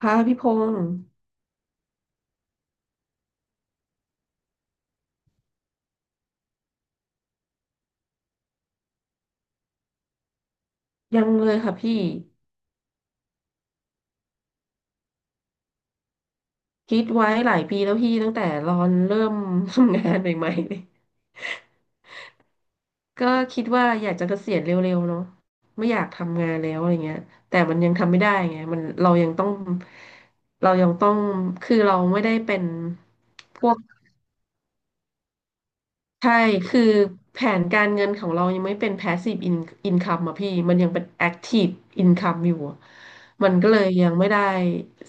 ค่ะพี่พงศ์ยังเลยค่ะพี่คิดไว้หลายปีแล้วพี่ตั้งแต่รอนเริ่มทำงานใหม่ๆเลยก็คิดว่าอยากจะเกษียณเร็วๆเนาะไม่อยากทำงานแล้วอะไรเงี้ยแต่มันยังทำไม่ได้ไงมันเรายังต้องเรายังต้องคือเราไม่ได้เป็นพวก ใช่ คือแผนการเงินของเรายังไม่เป็น income อะพี่มันยังเป็น active income อยู่อะมันก็เลยยังไม่ได้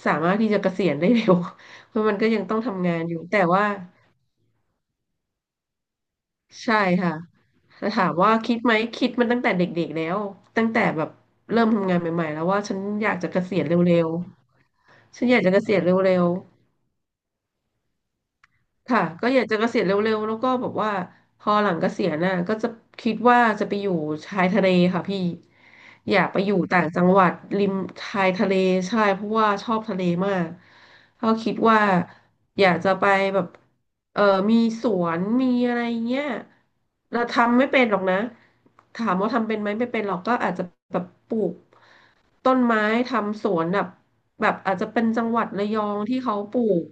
สามารถที่จะเกษียณได้เร็ว เพราะมันก็ยังต้องทำงานอยู่ แต่ว่าใช่ค่ะแต่ถามว่าคิดไหม คิดมันตั้งแต่เด็กๆแล้ว ตั้งแต่แบบเริ่มทำงานใหม่ๆแล้วว่าฉันอยากจะเกษียณเร็วๆฉันอยากจะเกษียณเร็วๆ ค่ะก็อยากจะเกษียณเร็วๆแล้วก็แบบว่าพอหลังเกษียณน่ะก็จะคิดว่าจะไปอยู่ชายทะเลค่ะพี่อยากไปอยู่ต่างจังหวัดริมชายทะเลใช่เพราะว่าชอบทะเลมากก็คิดว่าอยากจะไปแบบเออมีสวนมีอะไรเงี้ยเราทำไม่เป็นหรอกนะถามว่าทำเป็นไหมไม่เป็นหรอกก็อาจจะแบบปลูกต้นไม้ทำสวนแบบแบบอาจจะเป็นจังหวัดระยองที่เขาปลูก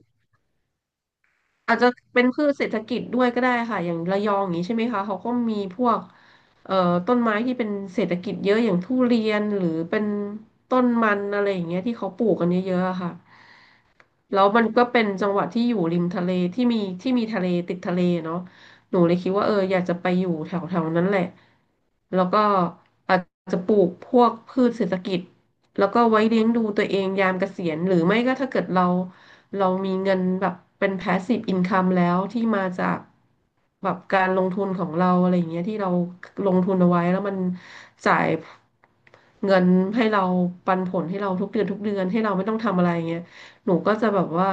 อาจจะเป็นพืชเศรษฐกิจด้วยก็ได้ค่ะอย่างระยองอย่างนี้ใช่ไหมคะเขาก็มีพวกเอ่อต้นไม้ที่เป็นเศรษฐกิจเยอะอย่างทุเรียนหรือเป็นต้นมันอะไรอย่างเงี้ยที่เขาปลูกกันเยอะๆอะค่ะแล้วมันก็เป็นจังหวัดที่อยู่ริมทะเลที่มีทะเลติดทะเลเนาะหนูเลยคิดว่าเอออยากจะไปอยู่แถวๆนั้นแหละแล้วก็อาจจะปลูกพวกพืชเศรษฐกิจ แล้วก็ไว้เลี้ยงดูตัวเองยามเกษียณหรือไม่ก็ถ้าเกิดเรามีเงินแบบเป็นแพสซีฟอินคัมแล้วที่มาจากแบบการลงทุนของเราอะไรอย่างเงี้ยที่เราลงทุนเอาไว้แล้วมันจ่ายเงินให้เราปันผลให้เราทุกเดือนทุกเดือนให้เราไม่ต้องทำอะไรอย่างเงี้ยหนูก็จะแบบว่า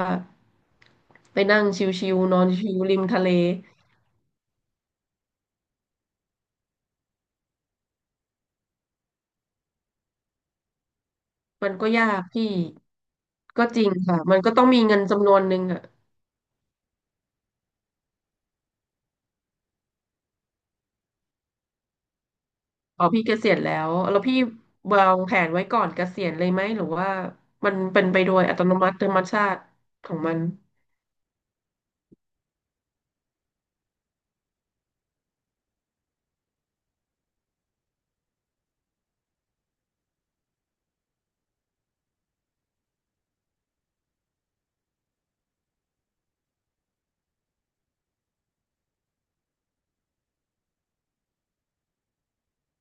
ไปนั่งชิวๆนอนชิวริมทะเลมันก็ยากพี่ก็จริงค่ะมันก็ต้องมีเงินจำนวนหนึ่งอะ อ๋อพี่เกษียณแล้วแล้วพี่วางแผนไว้ก่อนเกษียณเลยไหมหรือว่ามันเป็นไปโดยอัตโนมัติธรรมชาติของมัน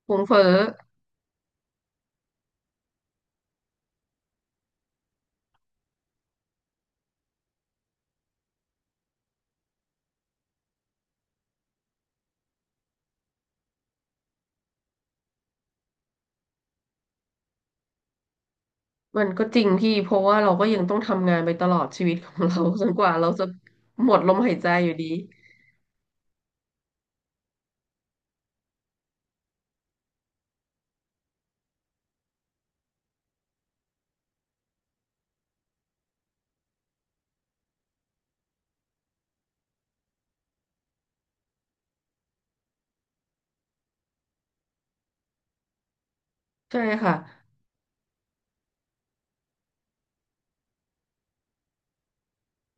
ฟุ้งเฟ้อมันก็จริงพี่เพราะว่าเราก็ยังต้องทำงานไปตลอดชีวิตของเรา จนกว่าเราจะหมดลมหายใจอยู่ดีใช่ค่ะ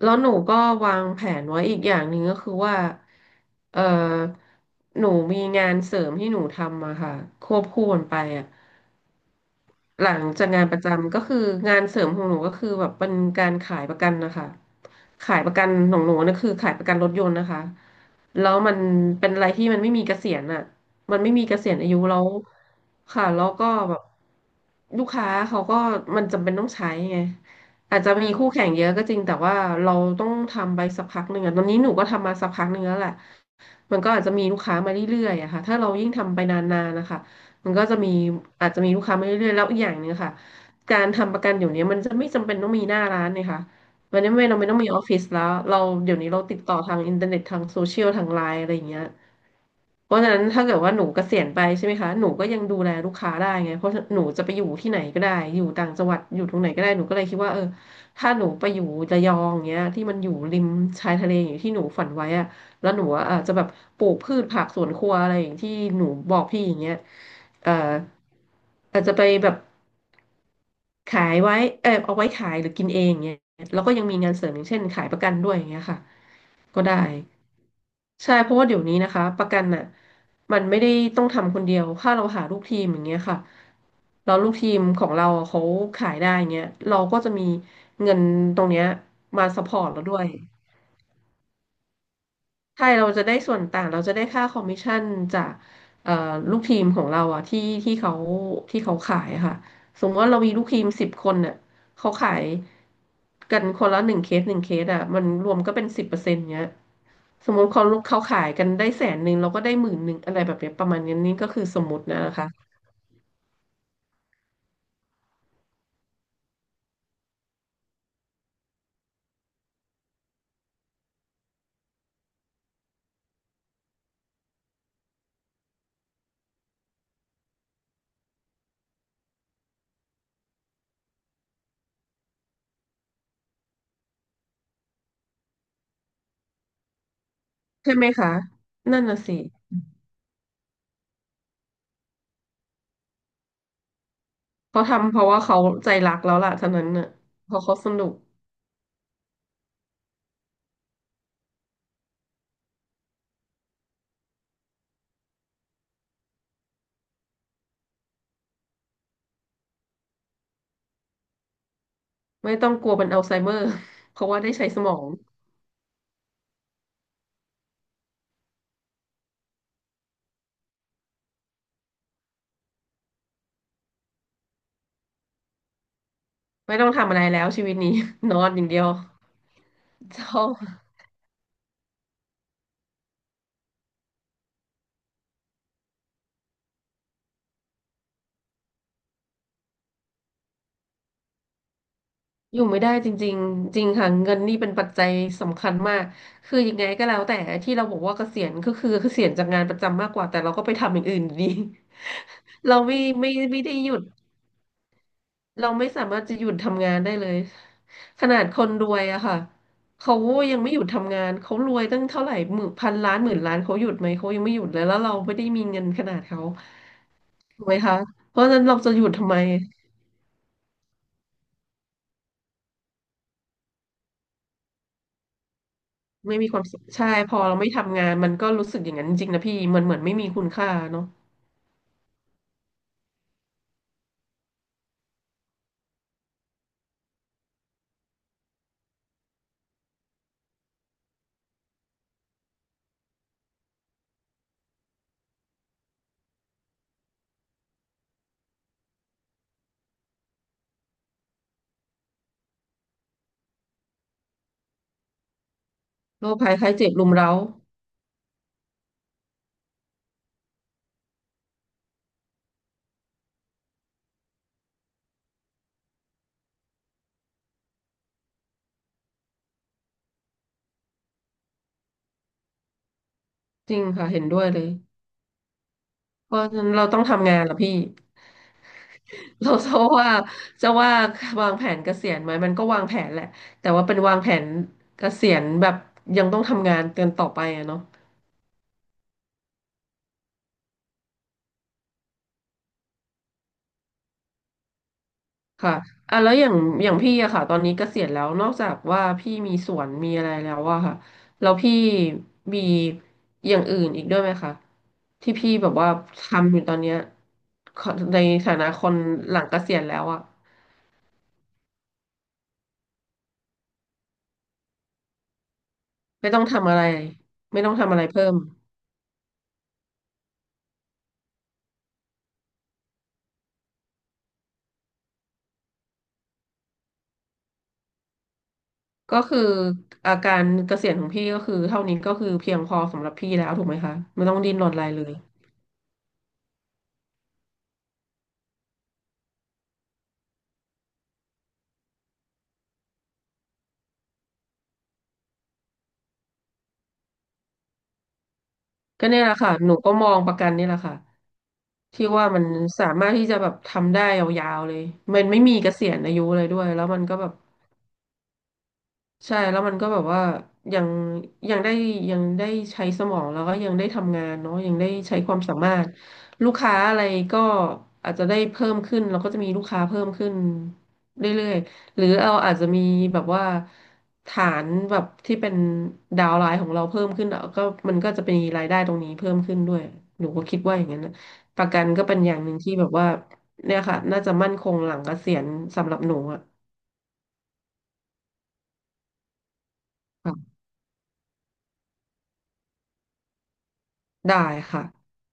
แล้วหนูก็วางแผนไว้อีกอย่างหนึ่งก็คือว่าเออหนูมีงานเสริมที่หนูทำอะค่ะควบคู่กันไปอะ หลังจากงานประจำก็คืองานเสริมของหนูก็คือแบบเป็นการขายประกันนะคะขายประกันของหนูนะคือขายประกันรถยนต์นะคะแล้วมันเป็นอะไรที่มันไม่มีเกษียณอ่ะมันไม่มีเกษียณอายุแล้วค่ะแล้วก็แบบลูกค้าเขาก็มันจำเป็นต้องใช้ไงอาจจะมีคู่แข่งเยอะก็จริงแต่ว่าเราต้องทำไปสักพักหนึ่งอะตอนนี้หนูก็ทำมาสักพักหนึ่งแล้วแหละมันก็อาจจะมีลูกค้ามาเรื่อยๆอะค่ะถ้าเรายิ่งทำไปนานๆนะคะ มันก็จะมีอาจจะมีลูกค้ามาเรื่อยๆแล้วอีกอย่างหนึ่งค่ะการทำประกันอยู่เนี้ยมันจะไม่จำเป็นต้องมีหน้าร้านเนี่ยค่ะวันนี้ไม่เราไม่ต้องมีออฟฟิศแล้วเราเดี๋ยวนี้เราติดต่อทางอินเทอร์เน็ตทางโซเชียลทางไลน์อะไรอย่างเงี้ย เพราะฉะนั้นถ้าเกิดว่าหนูเกษียณไปใช่ไหมคะหนูก็ยังดูแลลูกค้าได้ไงเพราะหนูจะไปอยู่ที่ไหนก็ได้อยู่ต่างจังหวัดอยู่ตรงไหนก็ได้หนูก็เลยคิดว่าเออถ้าหนูไปอยู่ระยองเงี้ยที่มันอยู่ริมชายทะเลอย่างที่หนูฝันไว้อะแล้วหนูอะอาจจะแบบปลูกพืชผักสวนครัวอะไรอย่างที่หนูบอกพี่อย่างเงี้ยเอ่ออาจจะไปแบบขายไว้เออเอาไว้ขายหรือกินเองเงี้ยแล้วก็ยังมีงานเสริมอย่างเช่นขายประกันด้วยอย่างเงี้ยค่ะก็ได้ ใช่เพราะว่าเดี๋ยวนี้นะคะประกันน่ะมันไม่ได้ต้องทำคนเดียวถ้าเราหาลูกทีมอย่างเงี้ยค่ะเราลูกทีมของเราเขาขายได้อย่างเงี้ยเราก็จะมีเงินตรงเนี้ยมาซัพพอร์ตเราด้วย ใช่เราจะได้ส่วนต่างเราจะได้ค่าคอมมิชชั่นจากเอ่อลูกทีมของเราอะที่เขาที่เขาขายอะค่ะสมมติว่าเรามีลูกทีม10 คนเนี่ยเขาขายกันคนละหนึ่งเคสหนึ่งเคสอะมันรวมก็เป็น10%เนี้ยสมมติเขาขายกันได้100,000เราก็ได้10,000อะไรแบบเนี้ยประมาณนี้นี่ก็คือสมมตินะคะใช่ไหมคะนั่นน่ะสิเขาทำเพราะว่าเขาใจรักแล้วล่ะเท่านั้นน่ะเพราะเขาสนุกไม่ต้องกลัวเป็นอัลไซเมอร์ เพราะว่าได้ใช้สมอง ไม่ต้องทำอะไรแล้วชีวิตนี้ นอนอย่างเดียวจะอยู่ไม่ได้จริงๆจริงค่ะเงินนี่เป็นปัจจัยสำคัญมากคือยังไงก็แล้วแต่ที่เราบอกว่าเกษียณก็คือเกษียณจากงานประจำมากกว่าแต่เราก็ไปทำอย่างอื่นอยู่ดี เราไม่ได้หยุดเราไม่สามารถจะหยุดทำงานได้เลยขนาดคนรวยอะค่ะเขายังไม่หยุดทำงานเขารวยตั้งเท่าไหร่หมื่นพันล้านหมื่นล้านเขาหยุดไหมเขายังไม่หยุดเลยแล้วเราไม่ได้มีเงินขนาดเขาถูกไหมคะเพราะฉะนั้นเราจะหยุดทำไม ไม่มีความสุขใช่พอเราไม่ทำงานมันก็รู้สึกอย่างนั้นจริงๆนะพี่มันเหมือนไม่มีคุณค่าเนาะโรคภัยไข้เจ็บรุมเร้าจริงค่ะเห็นด้วยเลยเพราะฉะนั้นเราต้องทำงานละพี่ เราจะว่าว่าวางแผนเกษียณไหมมันก็วางแผนแหละแต่ว่าเป็นวางแผนเกษียณแบบยังต้องทำงานกันต่อไปอะเนาะ ค่ะอ่ะแล้วอย่างพี่อะค่ะตอนนี้เกษียณแล้วนอกจากว่าพี่มีสวนมีอะไรแล้วอะค่ะ แล้วพี่มีอย่างอื่นอีกด้วยไหมคะที่พี่แบบว่าทำอยู่ตอนเนี้ยขอในฐานะคนหลังเกษียณแล้วอะไม่ต้องทำอะไรไม่ต้องทำอะไรเพิ่มก็คืออาการเกษียณของพี่ก็คือเท่านี้ก็คือเพียงพอสำหรับพี่แล้วถูกไหมคะไม่ต้องดิ้นรนอะไรเลยก็เนี่ยแหละค่ะหนูก็มองประกันนี่แหละค่ะ ที่ว่ามันสามารถที่จะแบบทำได้ยาวๆเลย มันไม่มีเกษียณอายุเลยด้วยแล้วมันก็แบบ ใช่แล้วมันก็แบบว่ายังยังได้ยังได้ใช้สมองแล้วก็ยังได้ทำงานเนาะยังได้ใช้ความสามารถลูกค้าอะไรก็อาจจะได้เพิ่มขึ้นเราก็จะมีลูกค้าเพิ่มขึ้นเรื่อยๆหรือเราอาจจะมีแบบว่าฐานแบบที่เป็นดาวน์ไลน์ของเราเพิ่มขึ้นอ่ะก็มันก็จะเป็นรายได้ตรงนี้เพิ่มขึ้นด้วยหนูก็คิดว่าอย่างนั้นนะประกันก็เป็นอย่างหนึ่งที่แบบว่าเนี่ยค่ะน่าจะมั่นคงหลังเกษียณสำหรับหนูอ่ะ ได้ค่ะ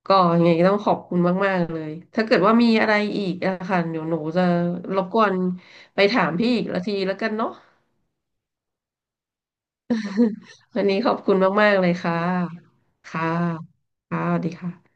ก็ยังไงต้องขอบคุณมากๆเลยถ้าเกิดว่ามีอะไรอีกอะค่ะเดี๋ยวหนูจะรบกวนไปถามพี่อีกละทีแล้วกันเนาะวันนี้ขอบคุณมากๆเลยค่ะค่ะค่ะสวัสดีค่ะ